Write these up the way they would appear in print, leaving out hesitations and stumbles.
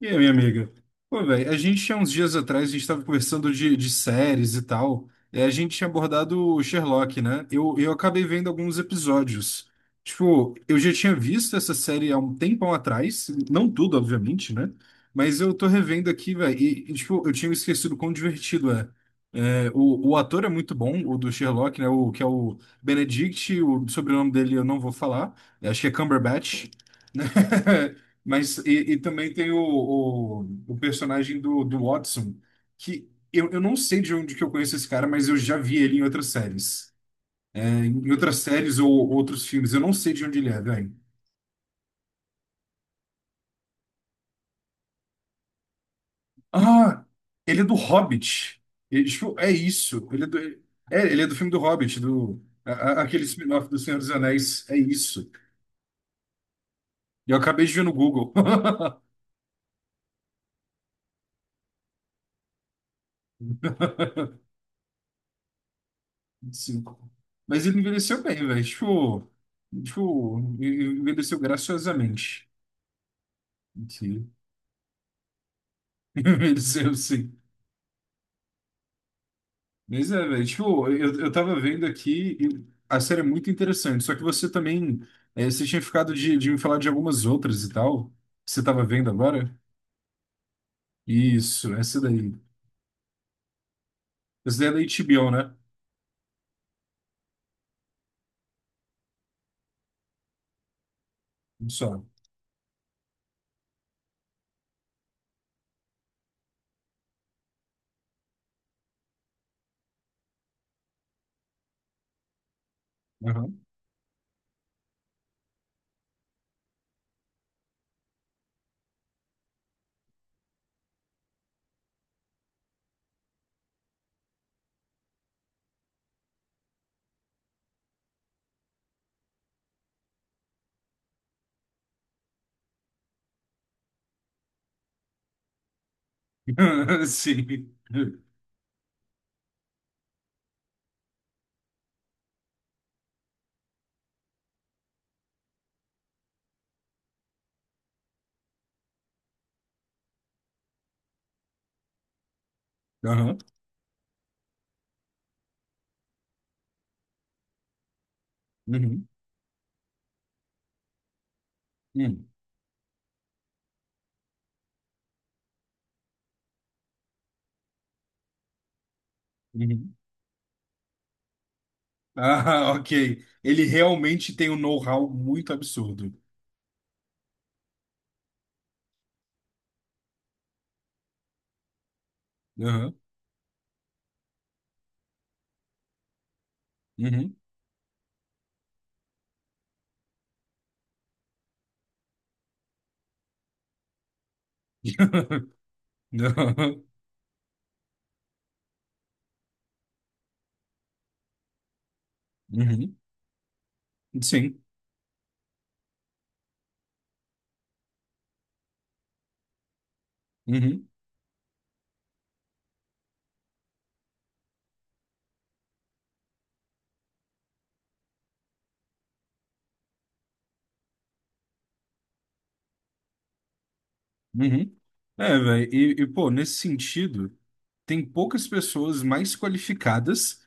E aí, minha amiga? Pô, velho, a gente há uns dias atrás, a gente estava conversando de séries e tal, e a gente tinha abordado o Sherlock, né? Eu acabei vendo alguns episódios. Tipo, eu já tinha visto essa série há um tempão atrás, não tudo, obviamente, né? Mas eu tô revendo aqui, velho, tipo, eu tinha me esquecido quão divertido é. É, o ator é muito bom, o do Sherlock, né? O, que é o Benedict, o sobrenome dele eu não vou falar, acho que é Cumberbatch, né? Mas e também tem o personagem do Watson, que eu não sei de onde que eu conheço esse cara, mas eu já vi ele em outras séries. É, em outras séries ou outros filmes, eu não sei de onde ele é, velho. Ah, ele é do Hobbit. Ele- tipo, é isso. Ele é ele é do filme do Hobbit, do, a- aquele spin-off do Senhor dos Anéis. É isso. E eu acabei de ver no Google. Cinco. Mas ele envelheceu bem, velho. Tipo, tipo, envelheceu graciosamente. Sim. Sim, sim. Mas é, velho. Tipo, eu tava vendo aqui e a série é muito interessante. Só que você também. É, você tinha ficado de me falar de algumas outras e tal. Que você tava vendo agora? Isso, essa daí. Essa daí é da HBO, né? Só. Aham. Sim. Aham. Uhum. Uhum. Uhum. Ah, ok. Ele realmente tem um know-how muito absurdo. Aham. Uhum. Aham. Uhum. Sim. Uhum. Uhum. É, velho, pô, nesse sentido, tem poucas pessoas mais qualificadas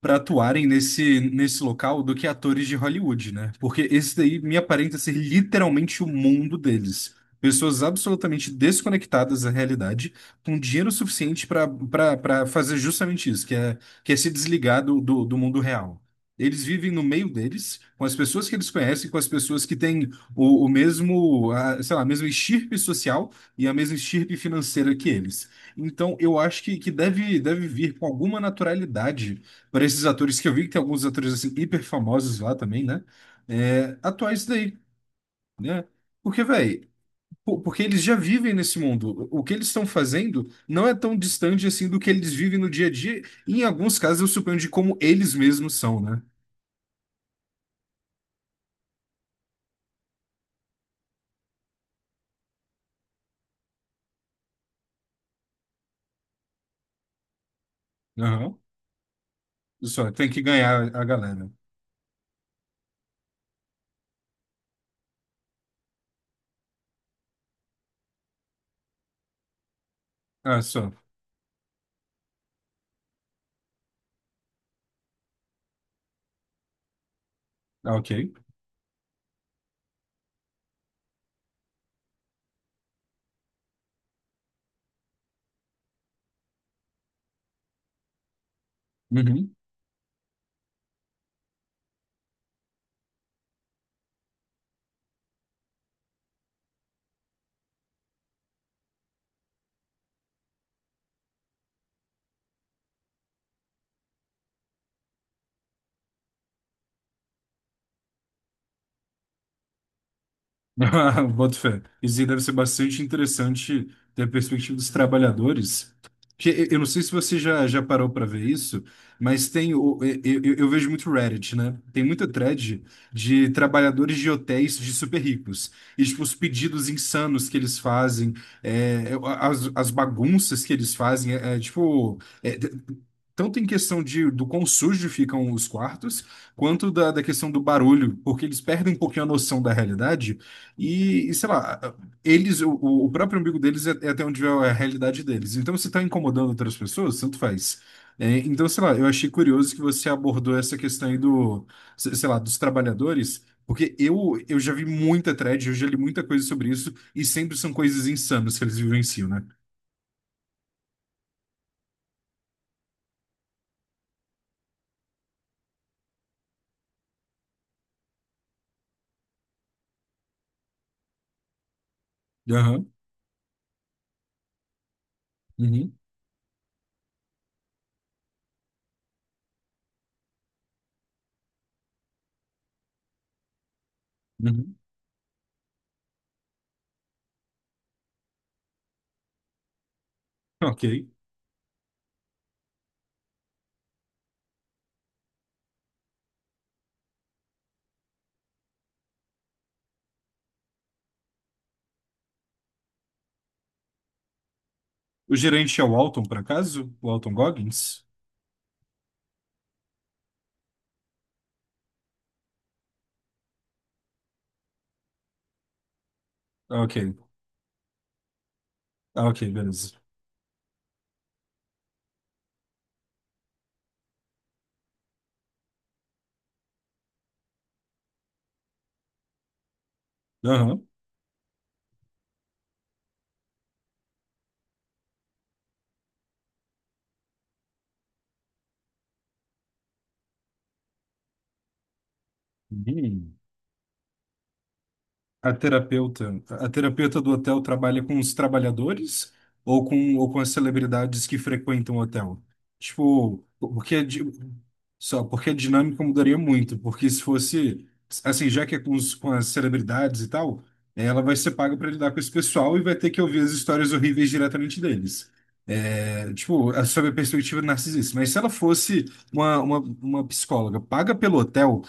para atuarem nesse local do que atores de Hollywood, né? Porque esse daí me aparenta ser literalmente o mundo deles. Pessoas absolutamente desconectadas da realidade, com dinheiro suficiente para para fazer justamente isso, que é se desligar do mundo real. Eles vivem no meio deles, com as pessoas que eles conhecem, com as pessoas que têm sei lá, a mesma estirpe social e a mesma estirpe financeira que eles. Então, eu acho que deve, deve vir com alguma naturalidade para esses atores que eu vi, que tem alguns atores assim hiper famosos lá também, né? É, atuar isso daí, né? Porque, velho, porque eles já vivem nesse mundo. O que eles estão fazendo não é tão distante assim do que eles vivem no dia a dia. E em alguns casos, eu suponho de como eles mesmos são, né? Aham. Só, tem que ganhar a galera. Ah, só. Ah, ok. Uhum. Ah, boto fé. Isso aí deve ser bastante interessante ter a perspectiva dos trabalhadores. Que e- eu não sei se você já parou para ver isso, mas tem o, e- eu vejo muito Reddit, né? Tem muita thread de trabalhadores de hotéis de super ricos. E tipo, os pedidos insanos que eles fazem, é, as bagunças que eles fazem, é, é, tipo, é, tanto em questão de, do quão sujo ficam os quartos, quanto da questão do barulho, porque eles perdem um pouquinho a noção da realidade sei lá, eles, o próprio umbigo deles é, é até onde é a realidade deles. Então, se está incomodando outras pessoas, tanto faz. É, então, sei lá, eu achei curioso que você abordou essa questão aí do, se- sei lá, dos trabalhadores, porque eu já vi muita thread, eu já li muita coisa sobre isso, e sempre são coisas insanas que eles vivenciam, né? Aham, uhum, uhum. Ok. O gerente é o Walton, por acaso? O Walton Goggins? Ah, ok, ah, ok, beleza. Aham. Uhum. A terapeuta do hotel trabalha com os trabalhadores ou ou com as celebridades que frequentam o hotel? Tipo, porque a di- só porque a dinâmica mudaria muito, porque se fosse assim, já que é com, os, com as celebridades e tal, ela vai ser paga para lidar com esse pessoal e vai ter que ouvir as histórias horríveis diretamente deles. É, tipo, a- sob a perspectiva narcisista. Mas se ela fosse uma psicóloga paga pelo hotel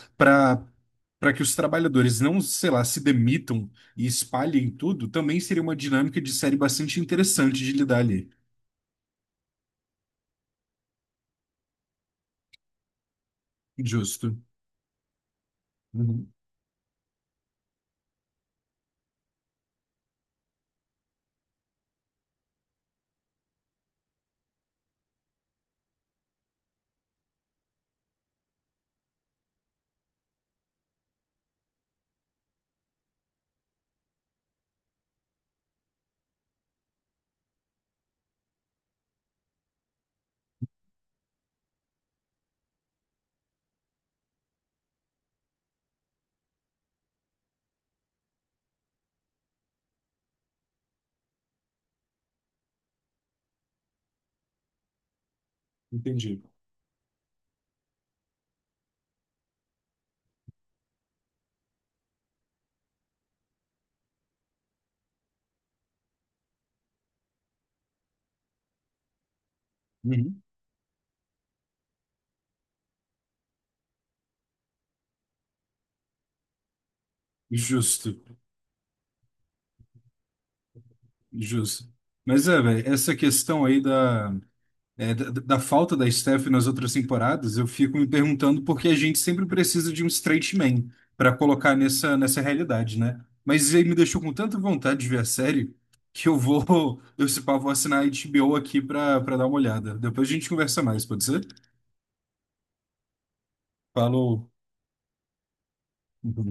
para que os trabalhadores não, sei lá, se demitam e espalhem tudo, também seria uma dinâmica de série bastante interessante de lidar ali. Justo. Uhum, entendi. Uhum. Justo, justo. Mas é, velho, essa questão aí da é, da falta da Steph nas outras temporadas, eu fico me perguntando por que a gente sempre precisa de um straight man para colocar nessa realidade, né? Mas ele me deixou com tanta vontade de ver a série que eu vou, eu se pá, vou assinar a HBO aqui para para dar uma olhada. Depois a gente conversa mais, pode ser? Falou.